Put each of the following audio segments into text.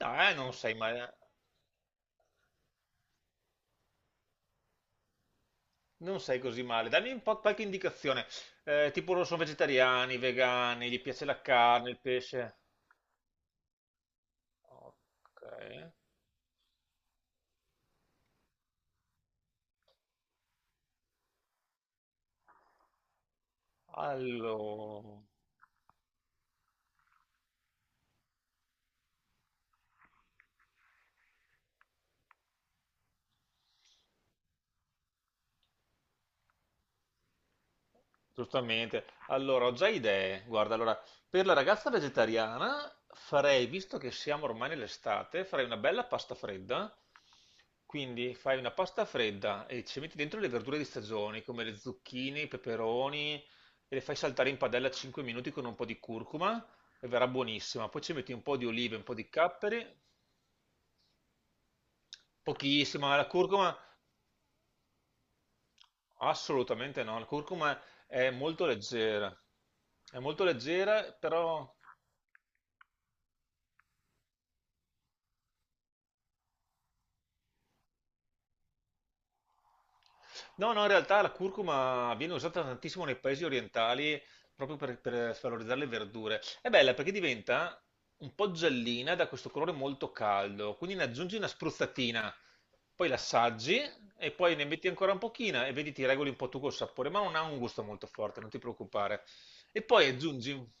Ah, non sei male, non sei così male. Dammi un po' qualche indicazione. Tipo loro sono vegetariani, vegani, gli piace la carne, il pesce. Ok. Allora. Giustamente. Allora, ho già idee. Guarda, allora, per la ragazza vegetariana farei, visto che siamo ormai nell'estate, farei una bella pasta fredda. Quindi fai una pasta fredda e ci metti dentro le verdure di stagione, come le zucchine, i peperoni, e le fai saltare in padella 5 minuti con un po' di curcuma e verrà buonissima. Poi ci metti un po' di olive, un po' di capperi, pochissima, la curcuma assolutamente no, la curcuma è molto leggera. È molto leggera, però. No, no, in realtà la curcuma viene usata tantissimo nei paesi orientali proprio per valorizzare le verdure. È bella perché diventa un po' giallina da questo colore molto caldo, quindi ne aggiungi una spruzzatina, poi l'assaggi e poi ne metti ancora un pochino e vedi ti regoli un po' tu col sapore, ma non ha un gusto molto forte, non ti preoccupare. E poi aggiungi.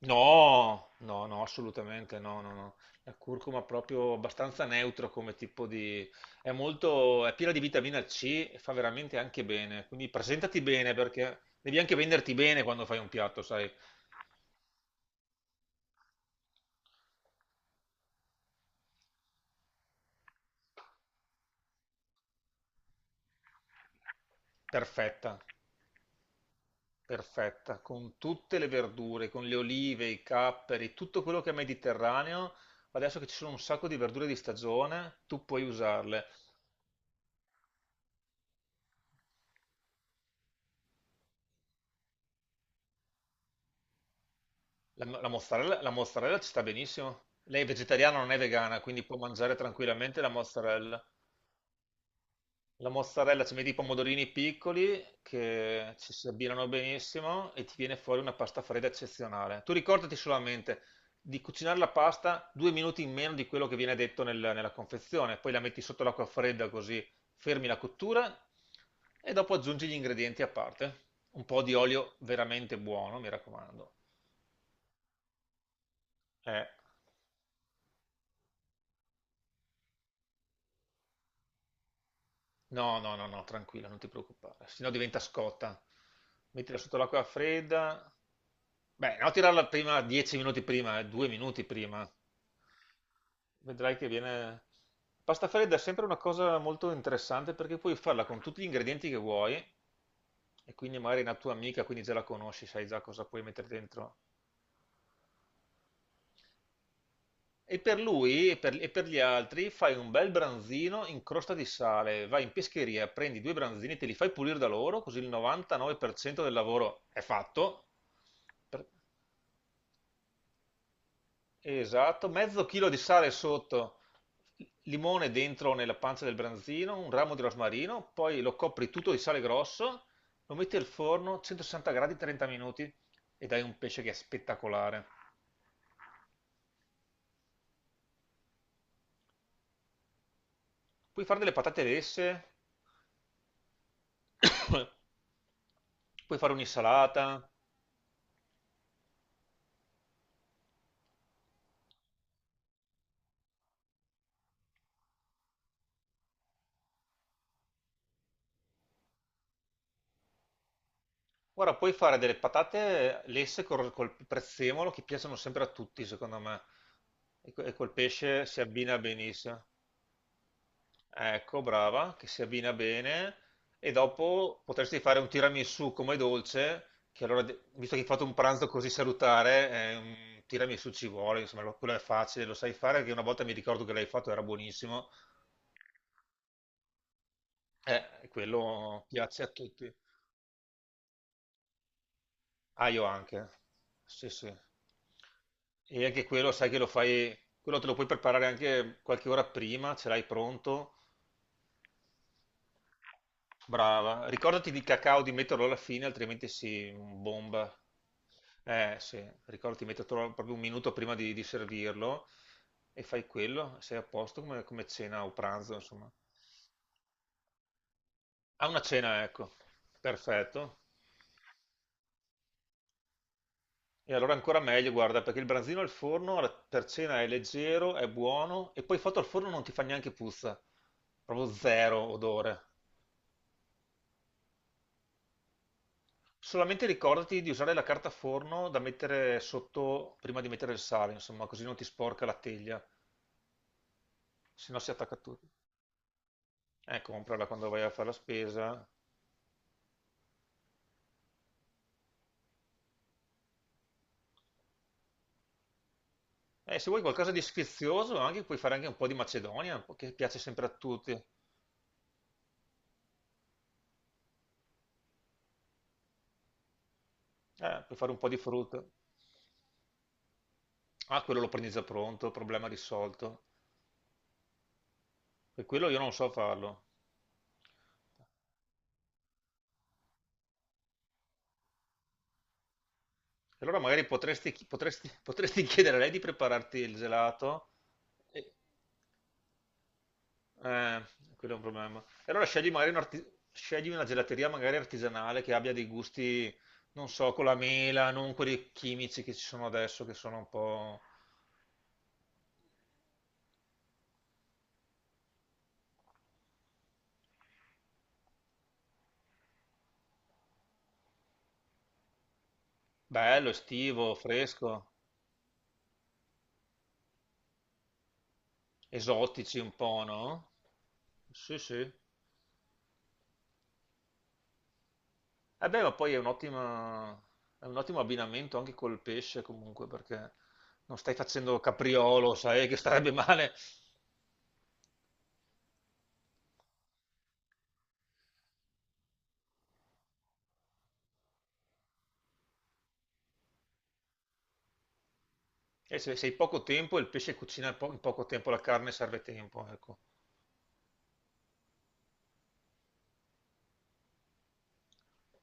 No, no, no, assolutamente no, no, no. La curcuma è proprio abbastanza neutro come tipo di è piena di vitamina C e fa veramente anche bene. Quindi presentati bene perché devi anche venderti bene quando fai un piatto, sai? Perfetta, perfetta, con tutte le verdure, con le olive, i capperi, tutto quello che è mediterraneo. Adesso che ci sono un sacco di verdure di stagione, tu puoi usarle. La mozzarella ci sta benissimo. Lei è vegetariana, non è vegana, quindi può mangiare tranquillamente la mozzarella. La mozzarella ci metti i pomodorini piccoli che ci si abbinano benissimo e ti viene fuori una pasta fredda eccezionale. Tu ricordati solamente di cucinare la pasta 2 minuti in meno di quello che viene detto nella confezione, poi la metti sotto l'acqua fredda così fermi la cottura e dopo aggiungi gli ingredienti a parte. Un po' di olio veramente buono, mi raccomando. Eh. No, no, no, no, tranquilla, non ti preoccupare, sennò diventa scotta. Mettila sotto l'acqua fredda. Beh, no, tirarla prima, 10 minuti prima, 2 minuti prima. Vedrai che viene. Pasta fredda è sempre una cosa molto interessante perché puoi farla con tutti gli ingredienti che vuoi e quindi magari è una tua amica, quindi già la conosci, sai già cosa puoi mettere dentro. E per lui e per gli altri fai un bel branzino in crosta di sale, vai in pescheria, prendi due branzini, te li fai pulire da loro, così il 99% del lavoro è fatto. Per- Esatto, mezzo chilo di sale sotto, limone dentro nella pancia del branzino, un ramo di rosmarino, poi lo copri tutto di sale grosso, lo metti al forno 160 gradi 30 minuti ed hai un pesce che è spettacolare. Puoi fare delle patate lesse. Puoi fare un'insalata. Guarda, puoi fare delle patate lesse col prezzemolo che piacciono sempre a tutti, secondo me. E col pesce si abbina benissimo. Ecco, brava, che si abbina bene. E dopo potresti fare un tiramisù come dolce, che allora, visto che hai fatto un pranzo così salutare, un tiramisù ci vuole, insomma, quello è facile, lo sai fare, perché una volta mi ricordo che l'hai fatto, era buonissimo. Quello piace a tutti. Ah, io anche. Sì, sì. E anche quello, sai che lo fai, quello te lo puoi preparare anche qualche ora prima, ce l'hai pronto. Brava. Ricordati di cacao di metterlo alla fine, altrimenti si bomba. Sì, ricordati di metterlo proprio un minuto prima di servirlo e fai quello, sei a posto come cena o pranzo, insomma. A una cena, ecco. Perfetto. E allora ancora meglio, guarda, perché il branzino al forno per cena è leggero, è buono e poi fatto al forno non ti fa neanche puzza, proprio zero odore. Solamente ricordati di usare la carta forno da mettere sotto prima di mettere il sale, insomma, così non ti sporca la teglia, se no si attacca tutto. Comprala quando vai a fare la spesa. Se vuoi qualcosa di sfizioso, anche, puoi fare anche un po' di Macedonia, un po' che piace sempre a tutti. Puoi fare un po' di frutta. Ah, quello lo prendi già pronto, problema risolto. E quello io non so farlo. E allora magari potresti chiedere a lei di prepararti il gelato. E- eh, quello è un problema. E allora scegli magari scegli una gelateria magari artigianale che abbia dei gusti, non so, con la mela, non quelli chimici che ci sono adesso, che sono un po' bello, estivo, fresco, esotici un po', no? Sì, sì. Eh beh, ma poi è è un ottimo abbinamento anche col pesce comunque, perché non stai facendo capriolo, sai che starebbe male. E se hai poco tempo, il pesce cucina in poco tempo, la carne serve tempo, ecco.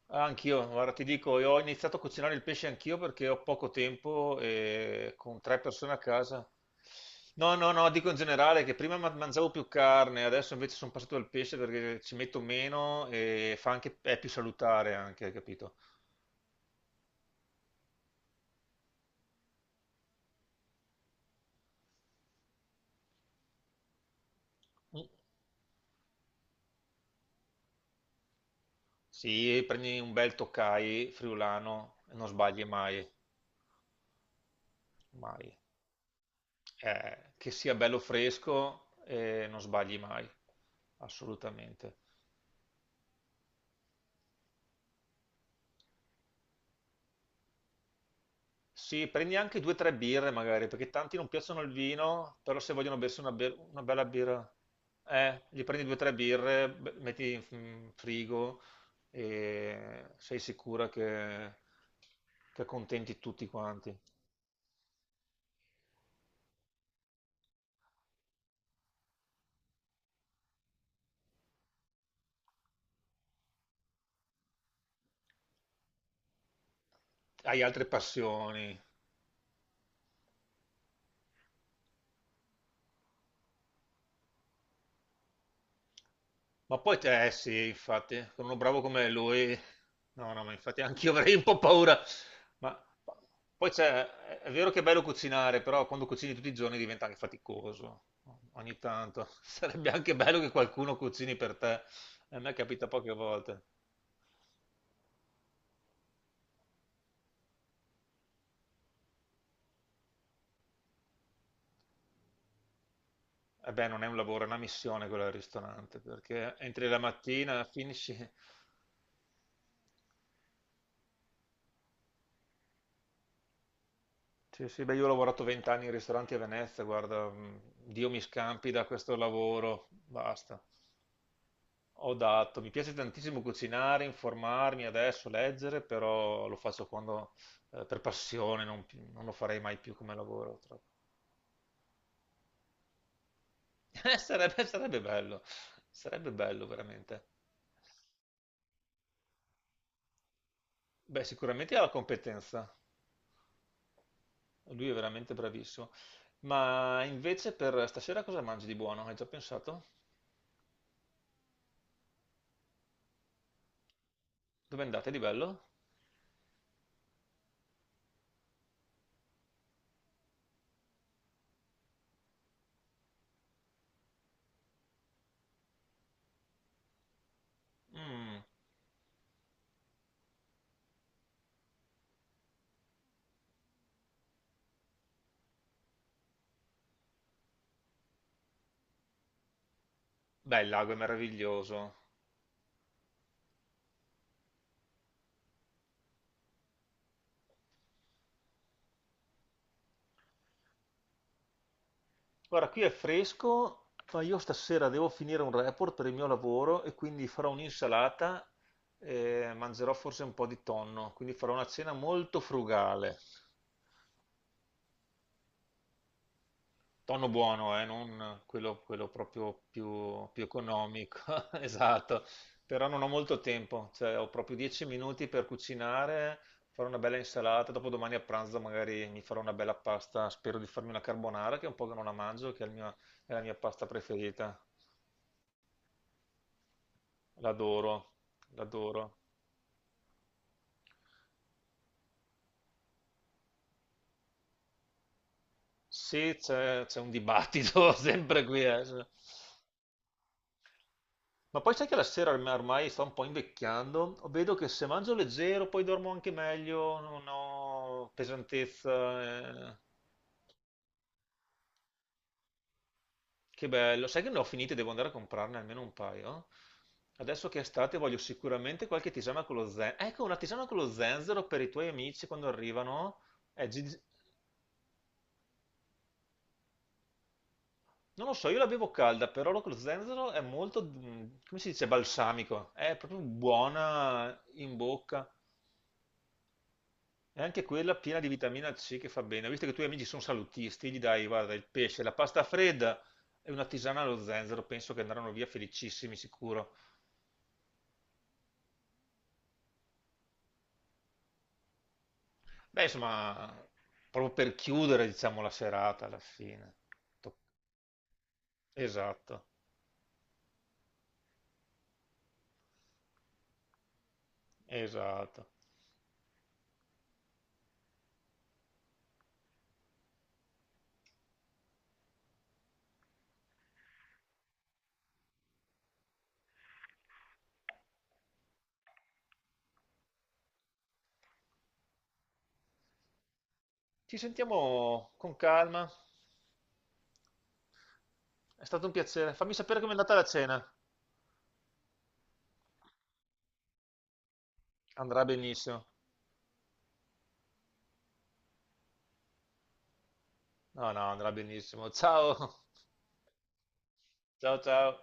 Ah, anch'io, guarda, ti dico, io ho iniziato a cucinare il pesce anch'io perché ho poco tempo e con tre persone a casa. No, no, no, dico in generale che prima mangiavo più carne, adesso invece sono passato al pesce perché ci metto meno e fa anche, è più salutare anche, capito? Sì, prendi un bel Tokai friulano e non sbagli mai, mai. Che sia bello fresco e non sbagli mai, assolutamente. Sì, prendi anche due o tre birre magari, perché tanti non piacciono il vino, però se vogliono bersi una bella birra, gli prendi due o tre birre, metti in frigo e sei sicura che, accontenti tutti quanti. Hai altre passioni. Ma poi te, eh sì, infatti, con uno bravo come lui, no, no, ma infatti anch'io avrei un po' paura. Ma poi è vero che è bello cucinare, però quando cucini tutti i giorni diventa anche faticoso. Ogni tanto sarebbe anche bello che qualcuno cucini per te. A me capita poche volte. E beh, non è un lavoro, è una missione quella del ristorante, perché entri la mattina, finisci. Sì, sì, beh, io ho lavorato 20 anni in ristoranti a Venezia, guarda, Dio mi scampi da questo lavoro, basta. Ho dato, mi piace tantissimo cucinare, informarmi adesso, leggere, però lo faccio quando, per passione, non lo farei mai più come lavoro. Troppo. Sarebbe bello, sarebbe bello veramente. Beh, sicuramente ha la competenza, lui è veramente bravissimo. Ma invece per stasera cosa mangi di buono? Hai già pensato? Dove andate di bello? Mm, Beh, il lago è meraviglioso. Guarda, qui è fresco, ma io stasera devo finire un report per il mio lavoro e quindi farò un'insalata e mangerò forse un po' di tonno, quindi farò una cena molto frugale. Tonno buono, non quello, quello proprio più economico, esatto. Però non ho molto tempo, cioè ho proprio 10 minuti per cucinare, farò una bella insalata, dopo domani a pranzo magari mi farò una bella pasta, spero di farmi una carbonara che è un po' che non la mangio, che è è la mia pasta preferita. L'adoro, l'adoro. Sì, c'è un dibattito sempre qui. Cioè. Ma poi sai che la sera ormai sto un po' invecchiando, vedo che se mangio leggero poi dormo anche meglio, non ho pesantezza. eh. Che bello. Sai che ne ho finite, devo andare a comprarne almeno un paio. Adesso che è estate voglio sicuramente qualche tisana con lo zenzero. Ecco, una tisana con lo zenzero per i tuoi amici quando arrivano. È gi- Non lo so, io la bevo calda, però lo con lo zenzero è molto, come si dice, balsamico. È proprio buona in bocca. È anche quella piena di vitamina C che fa bene. Ho visto che i tuoi amici sono salutisti, gli dai, guarda, il pesce, la pasta fredda e una tisana allo zenzero, penso che andranno via felicissimi, sicuro. Beh, insomma, proprio per chiudere, diciamo, la serata alla fine. To- Esatto, esatto. Ci sentiamo con calma. È stato un piacere. Fammi sapere com'è andata la cena. Andrà benissimo. No, no, andrà benissimo. Ciao, ciao, ciao.